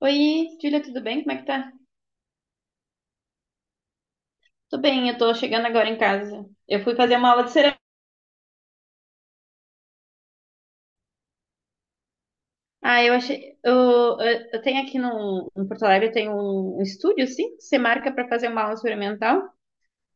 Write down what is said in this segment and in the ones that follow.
Oi, Julia, tudo bem? Como é que tá? Tô bem, eu tô chegando agora em casa. Eu fui fazer uma aula de cerâmica. Ah, eu achei. Eu tenho aqui no, em Porto Alegre, tem um estúdio, assim, que você marca pra fazer uma aula experimental.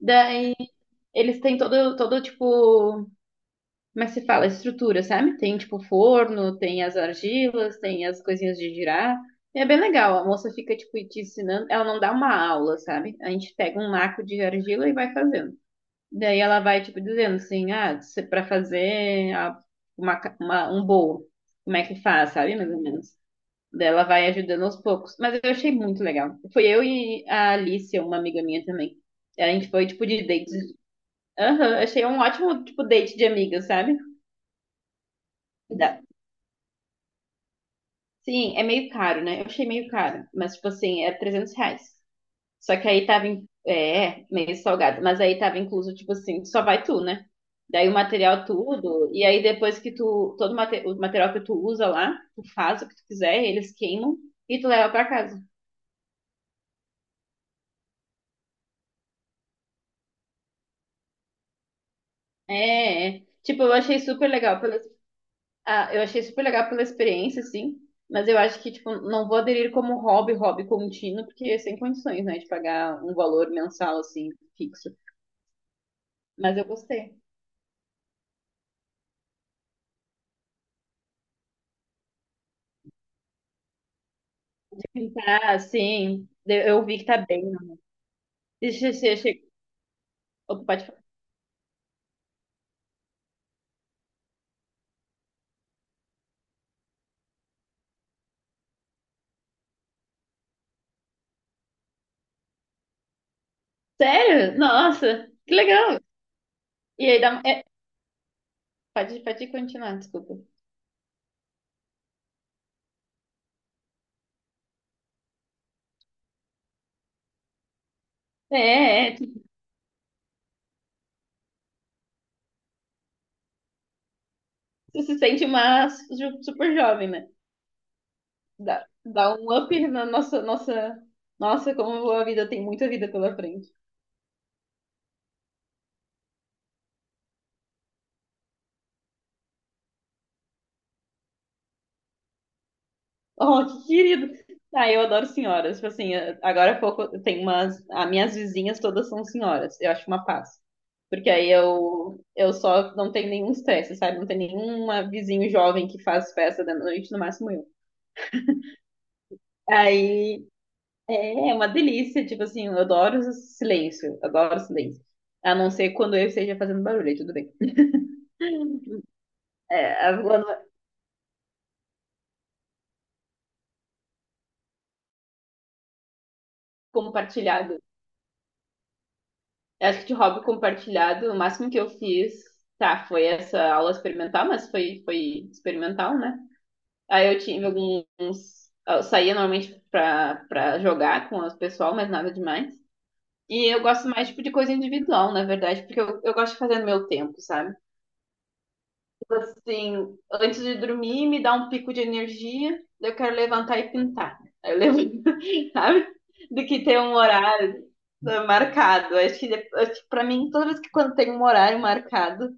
Daí eles têm todo tipo. Como é que se fala? Estrutura, sabe? Tem tipo forno, tem as argilas, tem as coisinhas de girar. É bem legal. A moça fica, tipo, te ensinando. Ela não dá uma aula, sabe? A gente pega um naco de argila e vai fazendo. Daí ela vai, tipo, dizendo assim, ah, pra fazer um bolo, como é que faz, sabe? Mais ou menos. Daí ela vai ajudando aos poucos. Mas eu achei muito legal. Foi eu e a Alice, uma amiga minha também. A gente foi, tipo, de date. Aham, achei um ótimo, tipo, date de amigas, sabe? Dá. Sim, é meio caro, né? Eu achei meio caro. Mas, tipo assim, é R$ 300. Só que aí tava, é, meio salgado, mas aí tava incluso, tipo assim, só vai tu, né? Daí o material tudo, e aí depois que tu, o material que tu usa lá, tu faz o que tu quiser, eles queimam e tu leva pra casa. É, é. Tipo, eu achei super legal pela experiência, sim, mas eu acho que, tipo, não vou aderir como hobby, hobby contínuo, porque é sem condições, né, de pagar um valor mensal, assim, fixo. Mas eu gostei. Tá, sim, eu vi que tá bem. Deixa eu. Opa, pode falar. Sério? Nossa, que legal. E aí dá. Pode continuar, desculpa. É, é, tu se sente uma super jovem, né? Dá um up na nossa, nossa. Nossa, como a vida tem muita vida pela frente. Oh, que querido. Ah, eu adoro senhoras. Tipo assim, agora há pouco eu tenho umas. As minhas vizinhas todas são senhoras. Eu acho uma paz. Porque aí eu só não tenho nenhum estresse, sabe? Não tem nenhuma vizinho jovem que faz festa da noite, no máximo eu. Aí. É uma delícia, tipo assim, eu adoro o silêncio, adoro o silêncio. A não ser quando eu esteja fazendo barulho, aí tudo bem. É, agora, compartilhado. Eu acho que de hobby compartilhado, o máximo que eu fiz, tá, foi essa aula experimental, mas foi, foi experimental, né? Aí eu tive alguns. Eu saía normalmente pra jogar com o pessoal, mas nada demais. E eu gosto mais, tipo, de coisa individual, na verdade, porque eu gosto de fazer no meu tempo, sabe? Assim, antes de dormir, me dá um pico de energia, daí eu quero levantar e pintar. Aí eu levanto, sabe? Do que ter um horário marcado. Acho que para mim, toda vez que quando tem um horário marcado,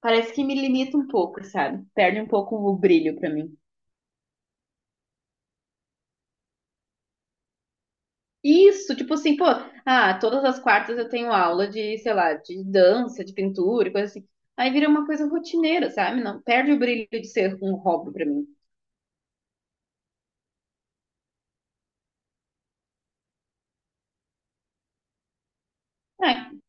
parece que me limita um pouco, sabe? Perde um pouco o brilho pra mim. Isso, tipo assim, pô, ah, todas as quartas eu tenho aula de, sei lá, de dança, de pintura, e coisa assim. Aí vira uma coisa rotineira, sabe? Não perde o brilho de ser um hobby pra mim. É.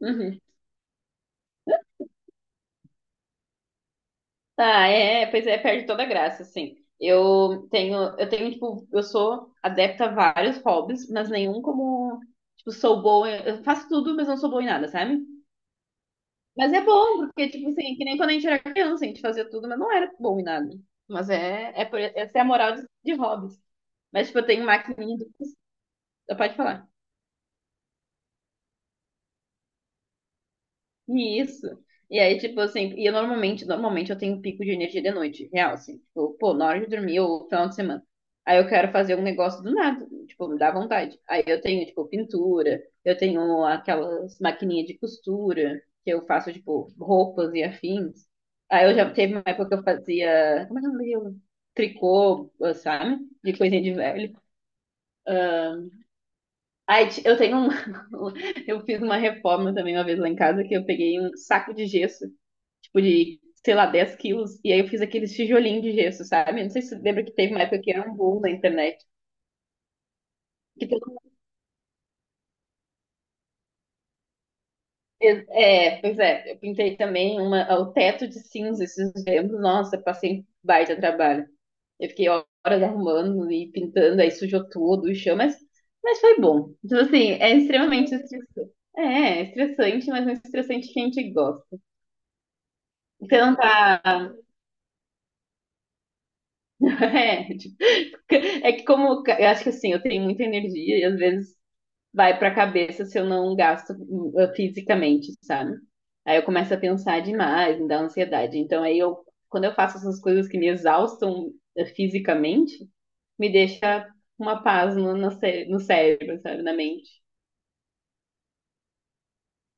Uhum. Ah, é, é, pois é, perde toda a graça, assim. Eu tenho, tipo, eu sou adepta a vários hobbies, mas nenhum como, tipo, sou boa, eu faço tudo, mas não sou boa em nada, sabe? Mas é bom, porque, tipo, assim, que nem quando a gente era criança, a gente fazia tudo, mas não era bom em nada. Mas é, é por, essa é a moral de, hobbies. Mas, tipo, eu tenho maquininha do. Pode falar. E isso. E aí, tipo assim, e eu normalmente eu tenho um pico de energia de noite, real, assim. Tipo, pô, na hora de dormir ou final de semana. Aí eu quero fazer um negócio do nada, tipo, me dá vontade. Aí eu tenho, tipo, pintura, eu tenho aquelas maquininhas de costura, que eu faço, tipo, roupas e afins. Aí eu já teve uma época que eu fazia, como é que é o nome daquilo? Tricô, sabe? De coisinha de velho. Ah, aí eu fiz uma reforma também uma vez lá em casa, que eu peguei um saco de gesso tipo, de, sei lá, 10 kg. E aí eu fiz aqueles tijolinhos de gesso, sabe? Não sei se você lembra que teve uma época que era um boom na internet. Que todo mundo fez- É, pois é, eu pintei também o teto de cinza esses tempos. Nossa, passei um baita trabalho. Eu fiquei horas arrumando e pintando, aí sujou tudo o chão, mas foi bom. Então, assim, é extremamente estressante. É, é estressante, mas não é estressante que a gente gosta. Você não tá. É, tipo, é que como eu acho que assim, eu tenho muita energia e às vezes vai para a cabeça se eu não gasto fisicamente, sabe? Aí eu começo a pensar demais, me dá ansiedade. Então aí eu, quando eu faço essas coisas que me exaustam fisicamente, me deixa uma paz no, no cérebro, sabe, na mente.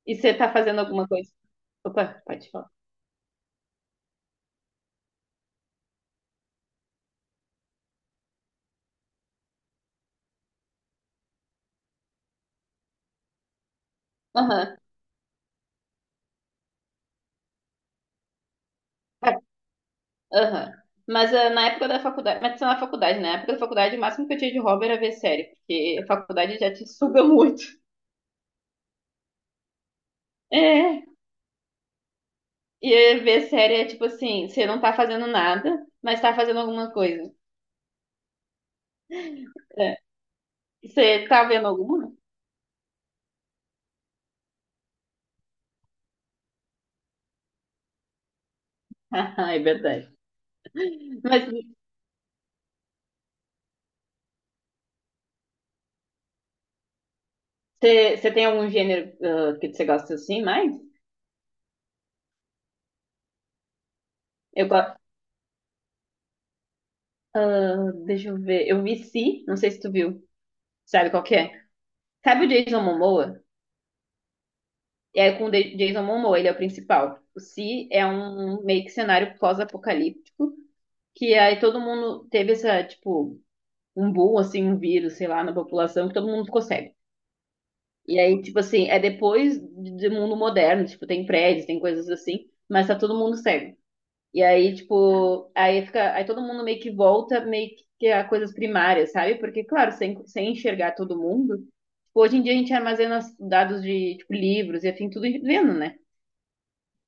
E você tá fazendo alguma coisa? Opa, pode falar. Aham, aham. Mas na época da faculdade, mas isso na faculdade, né? Na época da faculdade, o máximo que eu tinha de hobby era ver série, porque a faculdade já te suga muito. É, e aí ver série é tipo assim, você não tá fazendo nada, mas tá fazendo alguma coisa. É. Você tá vendo alguma? Ah, é verdade. Mas você tem algum gênero que você gosta assim mais? Eu gosto. Ah, deixa eu ver. Eu vi Si, não sei se tu viu. Sabe qual que é? Sabe o Jason Momoa? É com o Jason Momoa, ele é o principal. O Si é um meio que cenário pós-apocalíptico, que aí todo mundo teve essa, tipo, um boom, assim, um vírus, sei lá, na população, que todo mundo ficou cego. E aí, tipo assim, é depois do mundo moderno, tipo, tem prédios, tem coisas assim, mas tá todo mundo cego. E aí, tipo, aí fica, aí todo mundo meio que volta, meio que a coisas primárias, sabe? Porque, claro, sem enxergar todo mundo, tipo, hoje em dia a gente armazena os dados de, tipo, livros e afim, tudo vendo, né?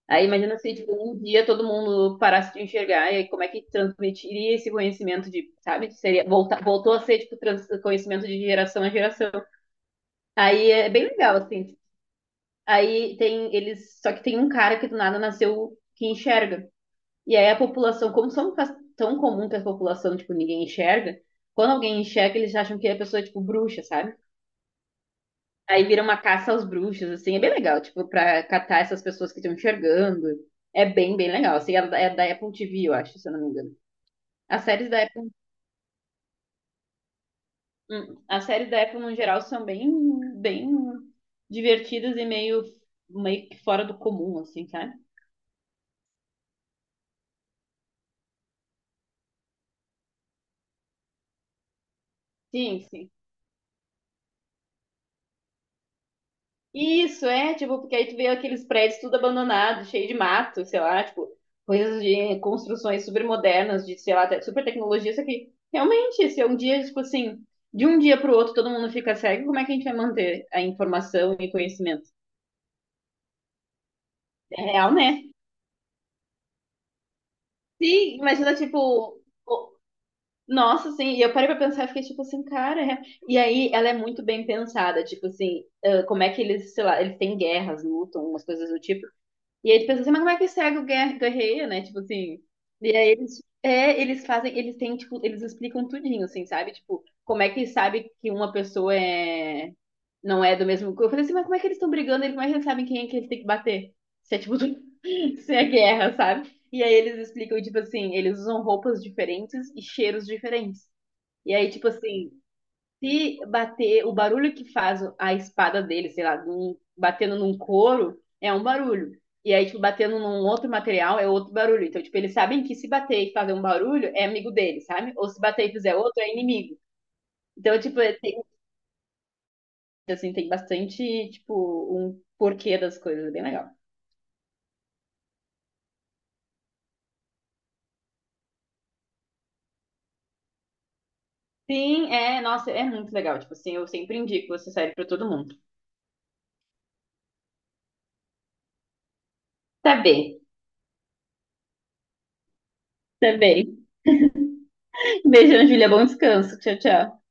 Aí imagina se, tipo, um dia todo mundo parasse de enxergar, e aí como é que transmitiria esse conhecimento de, sabe? Seria, volta, voltou a ser, tipo, conhecimento de geração a geração. Aí é bem legal, assim. Aí tem eles, só que tem um cara que do nada nasceu que enxerga. E aí a população, como são tão comum que a população, tipo, ninguém enxerga, quando alguém enxerga, eles acham que é a pessoa é tipo bruxa, sabe? Aí vira uma caça aos bruxos, assim, é bem legal, tipo, pra catar essas pessoas que estão enxergando. É bem, bem legal. Assim, é da Apple TV, eu acho, se eu não me engano. As séries da Apple, as séries da Apple no geral são bem, bem divertidas e meio, meio que fora do comum, assim, sabe? Sim, sim. Isso, é, tipo, porque aí tu vê aqueles prédios tudo abandonado, cheio de mato, sei lá, tipo, coisas de construções super modernas, de, sei lá, super tecnologia, isso aqui realmente, se é um dia, tipo assim, de um dia pro outro todo mundo fica cego, como é que a gente vai manter a informação e conhecimento? É real, né? Sim, imagina, tipo, o- nossa, assim, e eu parei pra pensar e fiquei, tipo assim, cara, e aí ela é muito bem pensada, tipo assim, ah, como é que eles, sei lá, eles têm guerras, lutam, umas coisas do tipo. E aí tu pensa assim, mas como é que cego guerreia, né? Tipo assim. E aí eles, é, eles fazem, eles têm, tipo, eles explicam tudinho, assim, sabe? Tipo, como é que sabe que uma pessoa é, não é do mesmo. Eu falei assim, mas como é que eles estão brigando? Eles, como é que eles sabem quem é que eles têm que bater? Se é tipo, se é guerra, sabe? E aí eles explicam, tipo assim, eles usam roupas diferentes e cheiros diferentes. E aí, tipo assim, se bater, o barulho que faz a espada dele, sei lá, batendo num couro, é um barulho. E aí, tipo, batendo num outro material é outro barulho. Então, tipo, eles sabem que se bater e fazer um barulho é amigo dele, sabe? Ou se bater e fizer outro é inimigo. Então, tipo, tem, assim, tem bastante, tipo, um porquê das coisas, é bem legal. Sim, é, nossa, é muito legal. Tipo assim, eu sempre indico essa série pra todo mundo. Tá bem, tá bem. Beijo, Ana Júlia, bom descanso. Tchau, tchau.